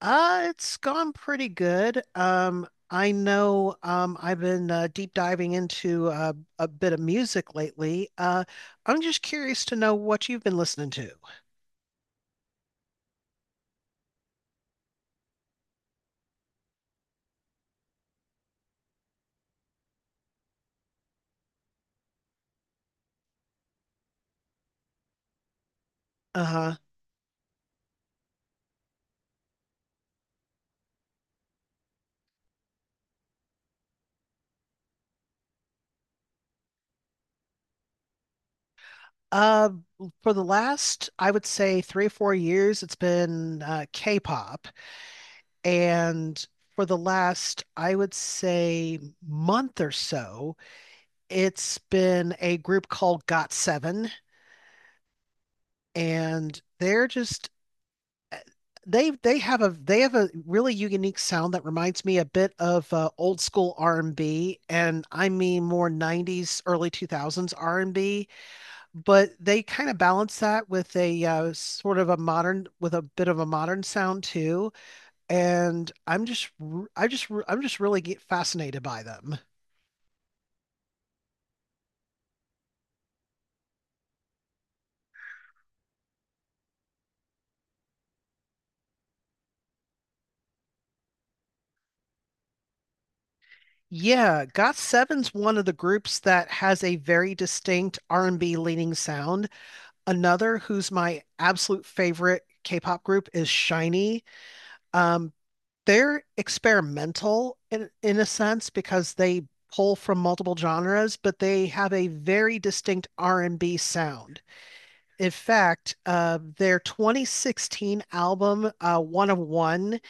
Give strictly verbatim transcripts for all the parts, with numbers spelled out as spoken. Uh, it's gone pretty good. Um, I know um, I've been uh, deep diving into uh, a bit of music lately. Uh, I'm just curious to know what you've been listening to. Uh-huh. Uh, for the last, I would say three or four years, it's been uh, K-pop. And for the last, I would say month or so, it's been a group called G O T seven, and they're just they they have a they have a really unique sound that reminds me a bit of uh, old school R and B and B, and I mean more nineties early two thousands R and B, but they kind of balance that with a uh, sort of a modern with a bit of a modern sound too. And I'm just r- I just I just i am just really get fascinated by them. Yeah, G O T seven's one of the groups that has a very distinct R and B leaning sound. Another who's my absolute favorite K-pop group is Shinee. Um, they're experimental in, in a sense because they pull from multiple genres, but they have a very distinct R and B sound. In fact, uh, their twenty sixteen album uh, One of One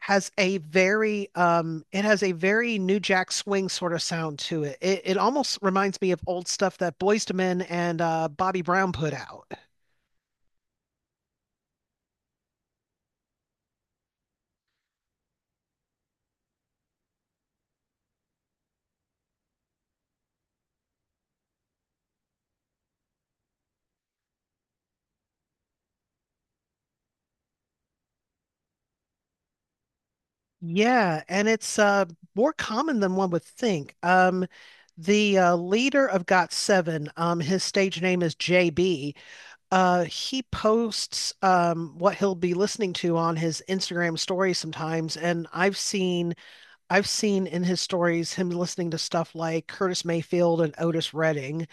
has a very um, it has a very New Jack Swing sort of sound to it. It, it almost reminds me of old stuff that Boyz two Men and uh, Bobby Brown put out. Yeah, and it's uh more common than one would think. Um the uh, leader of G O T seven, um his stage name is J B. Uh he posts um what he'll be listening to on his Instagram stories sometimes, and I've seen I've seen in his stories him listening to stuff like Curtis Mayfield and Otis Redding.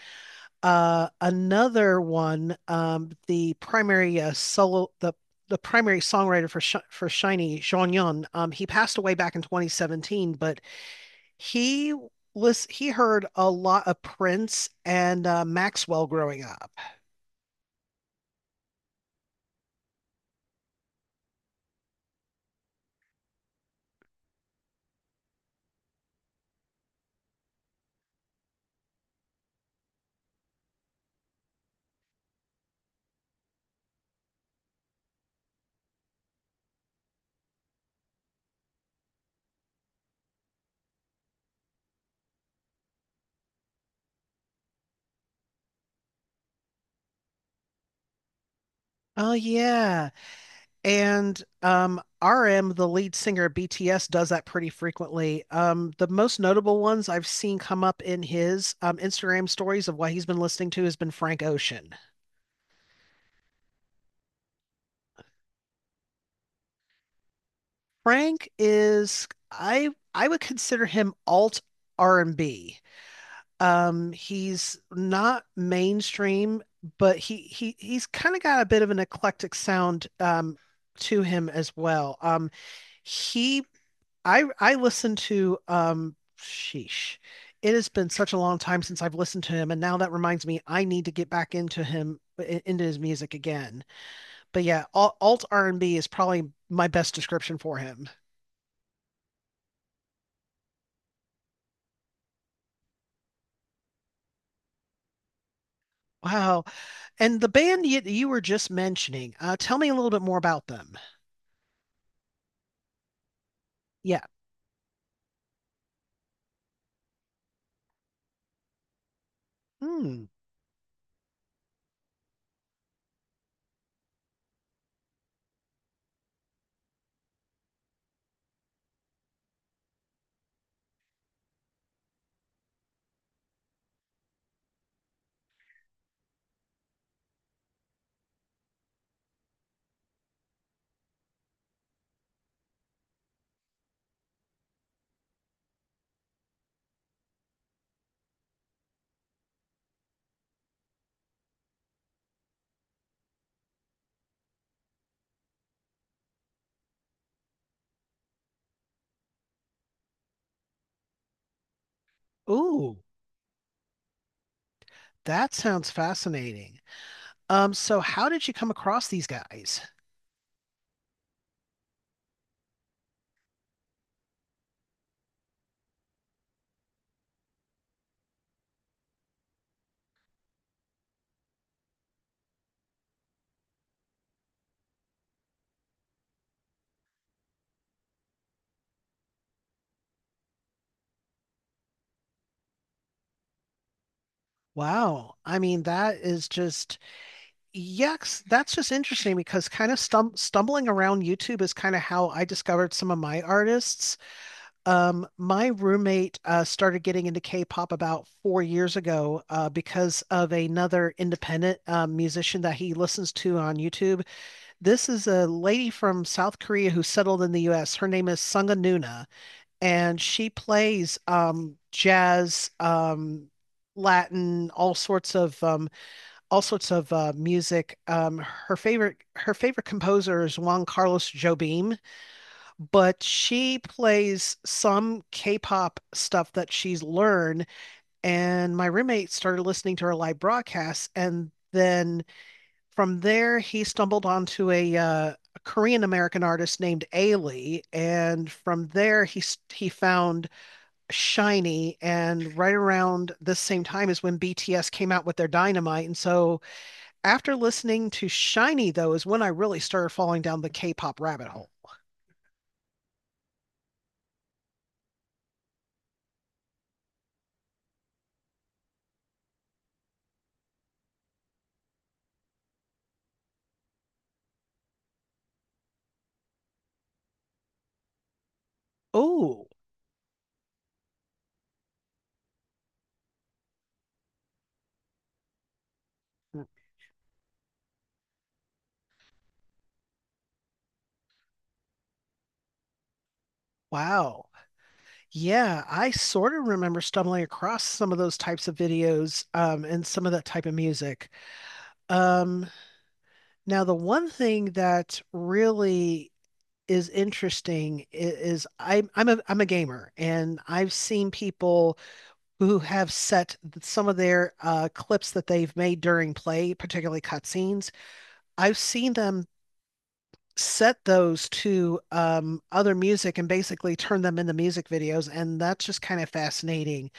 Uh, another one, um, the primary uh, solo, the the primary songwriter for Sh for Shiny, Sean Yun, um, he passed away back in twenty seventeen, but he was he heard a lot of Prince and uh, Maxwell growing up. Oh yeah. And um, R M, the lead singer of B T S, does that pretty frequently. Um, the most notable ones I've seen come up in his um, Instagram stories of what he's been listening to has been Frank Ocean. Frank is I I would consider him alt R and B. Um, he's not mainstream, but he he he's kind of got a bit of an eclectic sound um, to him as well. Um, he I I listened to um sheesh. It has been such a long time since I've listened to him, and now that reminds me I need to get back into him into his music again. But yeah, alt R and B is probably my best description for him. Wow. And the band you, you were just mentioning, uh, tell me a little bit more about them. Yeah. Hmm. Ooh, that sounds fascinating. Um, so how did you come across these guys? Wow. I mean, that is just yes, that's just interesting because kind of stum stumbling around YouTube is kind of how I discovered some of my artists. Um, my roommate uh, started getting into K-pop about four years ago uh, because of another independent um, musician that he listens to on YouTube. This is a lady from South Korea who settled in the U S. Her name is Sunga Nuna, and she plays um, jazz, um, Latin, all sorts of um, all sorts of uh, music. Um, her favorite her favorite composer is Juan Carlos Jobim, but she plays some K-pop stuff that she's learned. And my roommate started listening to her live broadcasts, and then from there he stumbled onto a, uh, a Korean American artist named Ailey, and from there he he found Shinee. And right around the same time is when B T S came out with their Dynamite, and so after listening to Shiny, though, is when I really started falling down the K pop rabbit hole. Oh, wow. Yeah, I sort of remember stumbling across some of those types of videos, um, and some of that type of music. Um, Now the one thing that really is interesting i- is I'm I'm a I'm a gamer, and I've seen people who have set some of their uh, clips that they've made during play, particularly cutscenes. I've seen them set those to um, other music and basically turn them into music videos, and that's just kind of fascinating.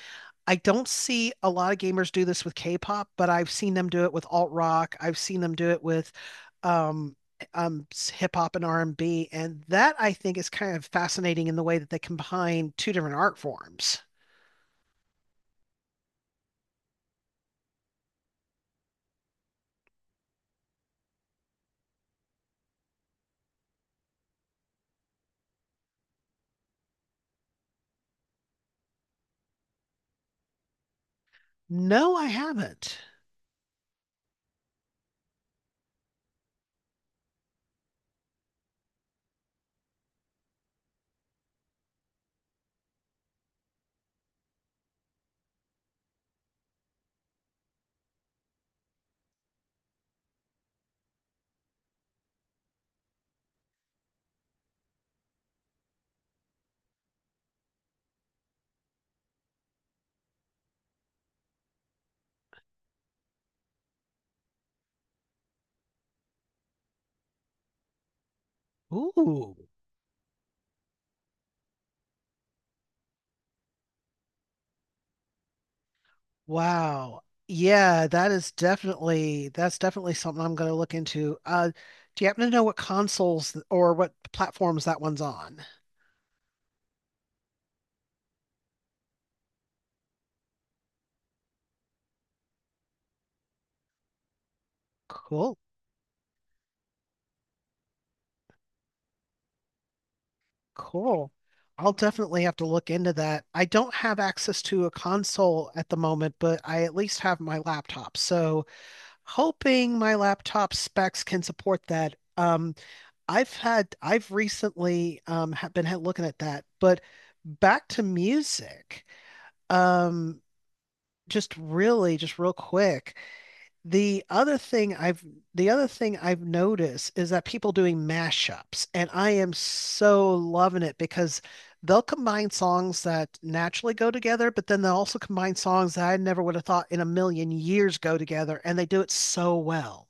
I don't see a lot of gamers do this with K-pop, but I've seen them do it with alt rock. I've seen them do it with um, eh, um, hip hop and R and B, and B. And that I think is kind of fascinating in the way that they combine two different art forms. No, I haven't. Ooh, wow. Yeah, that is definitely that's definitely something I'm going to look into. Uh, do you happen to know what consoles th- or what platforms that one's on? Cool. Cool. I'll definitely have to look into that. I don't have access to a console at the moment, but I at least have my laptop. So hoping my laptop specs can support that. Um, I've had, I've recently um, have been ha- looking at that. But back to music, um, just really, just real quick. The other thing I've the other thing I've noticed is that people doing mashups, and I am so loving it because they'll combine songs that naturally go together, but then they'll also combine songs that I never would have thought in a million years go together, and they do it so well.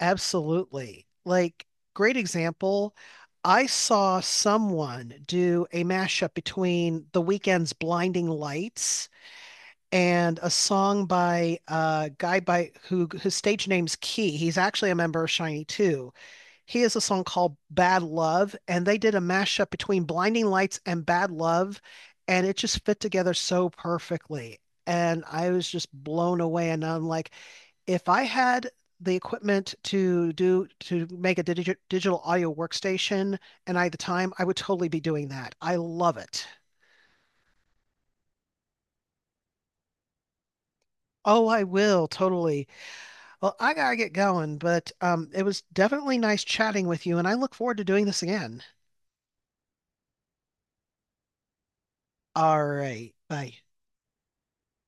Absolutely. Like, great example. I saw someone do a mashup between The Weeknd's Blinding Lights and a song by a guy, by who his stage name's Key. He's actually a member of Shiny too. He has a song called Bad Love, and they did a mashup between Blinding Lights and Bad Love, and it just fit together so perfectly. And I was just blown away. And I'm like, if I had the equipment to do to make a digi digital audio workstation and I had the time, I would totally be doing that. I love it. Oh, I will totally. Well, I gotta get going, but um, it was definitely nice chatting with you, and I look forward to doing this again. All right, bye.